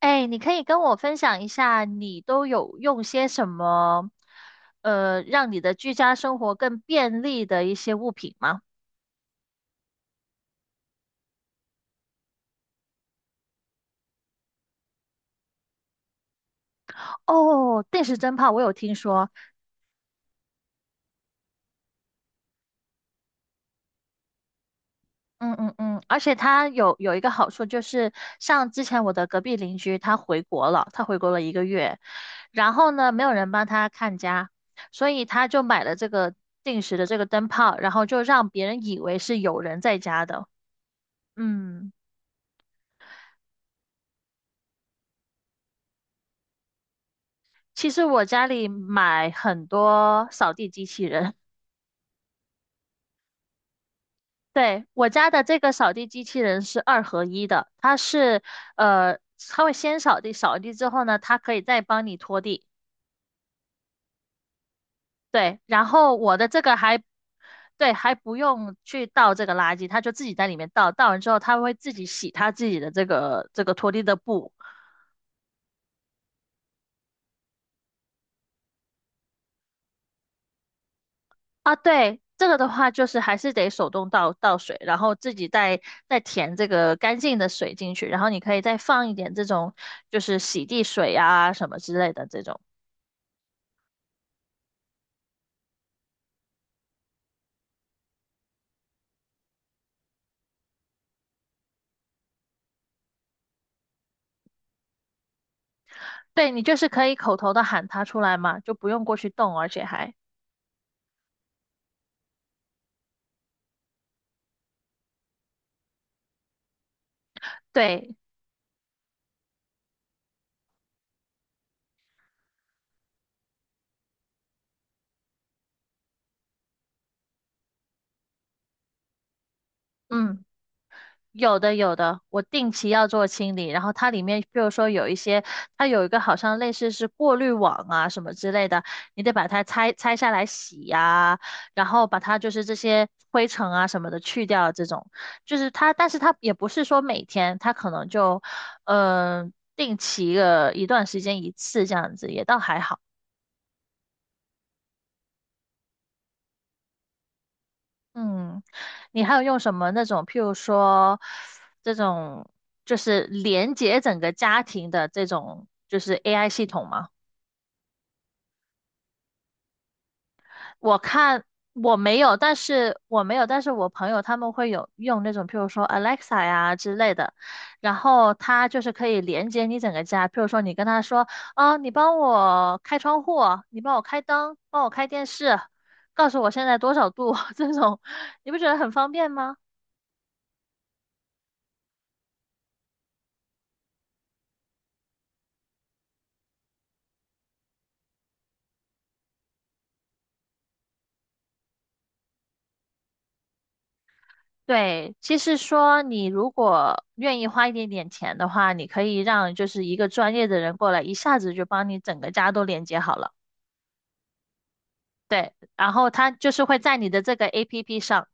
哎，你可以跟我分享一下，你都有用些什么，让你的居家生活更便利的一些物品吗？哦，定时灯泡我有听说。嗯嗯嗯，而且它有一个好处就是，像之前我的隔壁邻居他回国了，他回国了一个月，然后呢，没有人帮他看家，所以他就买了这个定时的这个灯泡，然后就让别人以为是有人在家的。嗯。其实我家里买很多扫地机器人。对，我家的这个扫地机器人是二合一的，呃，它会先扫地，扫地之后呢，它可以再帮你拖地。对，然后我的这个还，对，还不用去倒这个垃圾，它就自己在里面倒，倒完之后它会自己洗它自己的这个拖地的布。啊，对，这个的话就是还是得手动倒倒水，然后自己再填这个干净的水进去，然后你可以再放一点这种就是洗地水啊什么之类的这种。对，你就是可以口头的喊它出来嘛，就不用过去动，而且还对。嗯。有的有的，我定期要做清理，然后它里面，比如说有一些，它有一个好像类似是过滤网啊什么之类的，你得把它拆拆下来洗呀、然后把它就是这些灰尘啊什么的去掉，这种就是它，但是它也不是说每天，它可能就定期个一段时间一次这样子，也倒还好。嗯，你还有用什么那种，譬如说这种就是连接整个家庭的这种就是 AI 系统吗？我看我没有，但是我朋友他们会有用那种，譬如说 Alexa 呀之类的，然后它就是可以连接你整个家，譬如说你跟他说，啊，你帮我开窗户，你帮我开灯，帮我开电视，告诉我现在多少度，这种，你不觉得很方便吗？对，其实说，你如果愿意花一点点钱的话，你可以让就是一个专业的人过来，一下子就帮你整个家都连接好了。对，然后他就是会在你的这个 APP 上。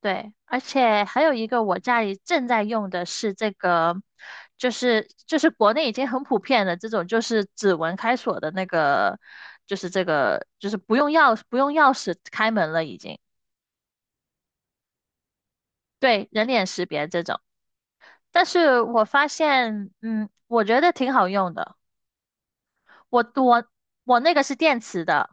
对，而且还有一个我家里正在用的是这个，就是国内已经很普遍的这种，就是指纹开锁的那个，就是这个就是不用钥匙开门了已经。对，人脸识别这种。但是我发现，嗯，我觉得挺好用的。我我我那个是电磁的。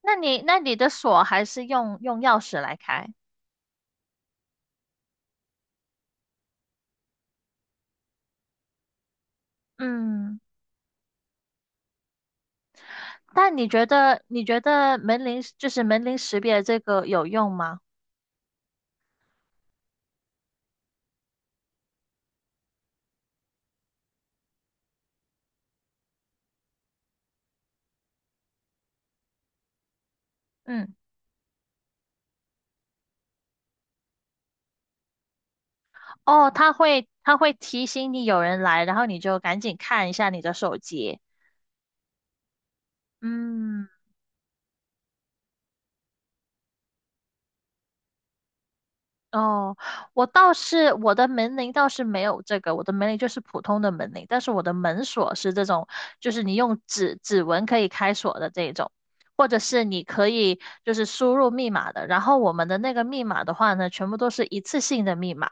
那你的锁还是用钥匙来开？嗯，但你觉得门铃就是门铃识别这个有用吗？嗯，哦，它会提醒你有人来，然后你就赶紧看一下你的手机。嗯。哦，我倒是我的门铃倒是没有这个，我的门铃就是普通的门铃，但是我的门锁是这种，就是你用指纹可以开锁的这一种，或者是你可以就是输入密码的。然后我们的那个密码的话呢，全部都是一次性的密码，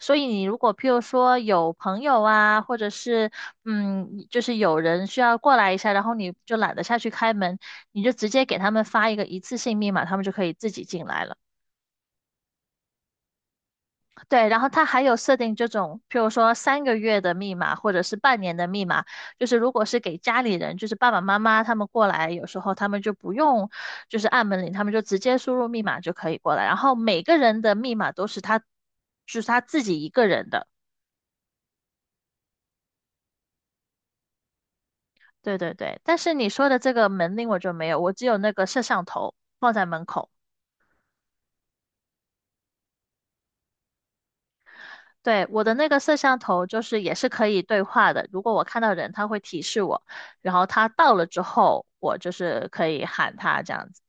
所以你如果譬如说有朋友啊，或者是就是有人需要过来一下，然后你就懒得下去开门，你就直接给他们发一个一次性密码，他们就可以自己进来了。对，然后他还有设定这种，譬如说三个月的密码或者是半年的密码，就是如果是给家里人，就是爸爸妈妈他们过来，有时候他们就不用就是按门铃，他们就直接输入密码就可以过来。然后每个人的密码都是他，就是他自己一个人的。对对对，但是你说的这个门铃我就没有，我只有那个摄像头放在门口。对，我的那个摄像头就是也是可以对话的，如果我看到人，它会提示我，然后他到了之后，我就是可以喊他这样子。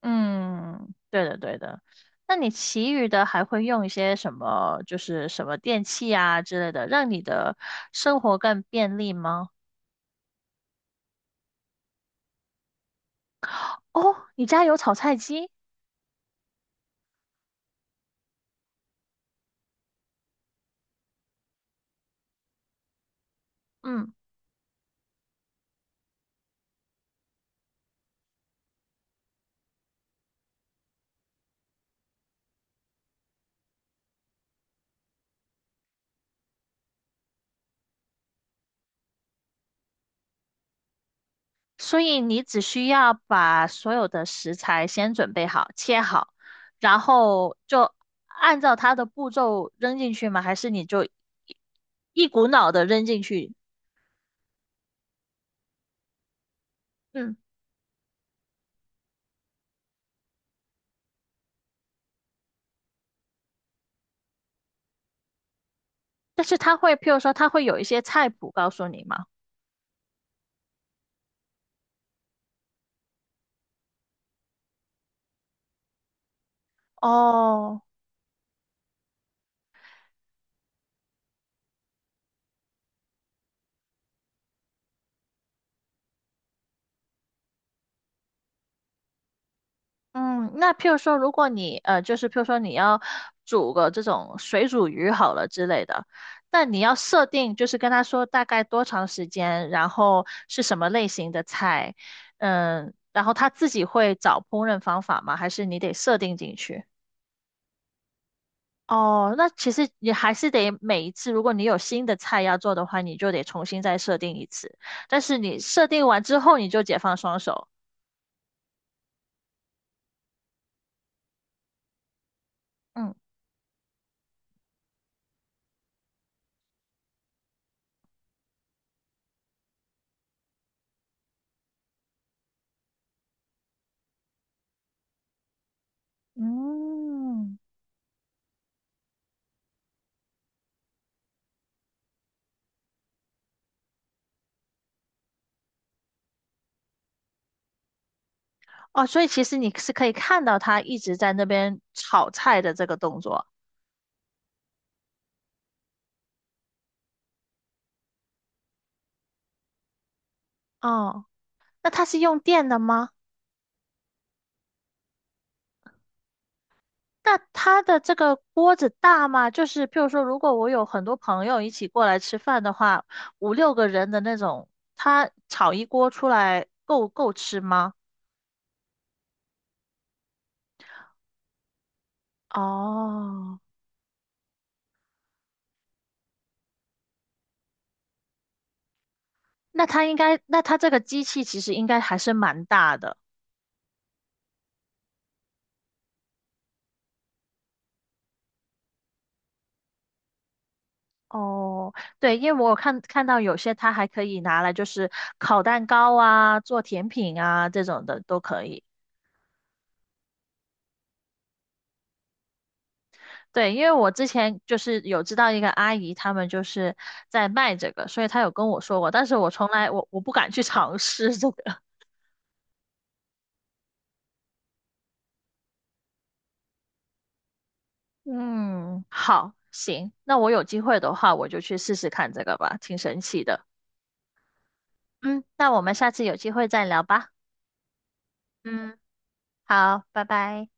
嗯，对的，对的。那你其余的还会用一些什么，就是什么电器啊之类的，让你的生活更便利吗？哦，你家有炒菜机？嗯。所以你只需要把所有的食材先准备好，切好，然后就按照它的步骤扔进去吗？还是你就一股脑的扔进去？嗯，但是它会，譬如说，它会有一些菜谱告诉你吗？哦，嗯，那譬如说，如果你就是譬如说你要煮个这种水煮鱼好了之类的，那你要设定就是跟他说大概多长时间，然后是什么类型的菜，嗯，然后他自己会找烹饪方法吗？还是你得设定进去？哦，那其实你还是得每一次，如果你有新的菜要做的话，你就得重新再设定一次。但是你设定完之后，你就解放双手。嗯嗯。哦，所以其实你是可以看到他一直在那边炒菜的这个动作。哦，那他是用电的吗？那他的这个锅子大吗？就是譬如说，如果我有很多朋友一起过来吃饭的话，五六个人的那种，他炒一锅出来够吃吗？哦，那他这个机器其实应该还是蛮大的。哦，对，因为我看到有些它还可以拿来就是烤蛋糕啊、做甜品啊这种的都可以。对，因为我之前就是有知道一个阿姨，他们就是在卖这个，所以她有跟我说过，但是我从来不敢去尝试这个。嗯，好，行，那我有机会的话，我就去试试看这个吧，挺神奇的。嗯，那我们下次有机会再聊吧。嗯，好，拜拜。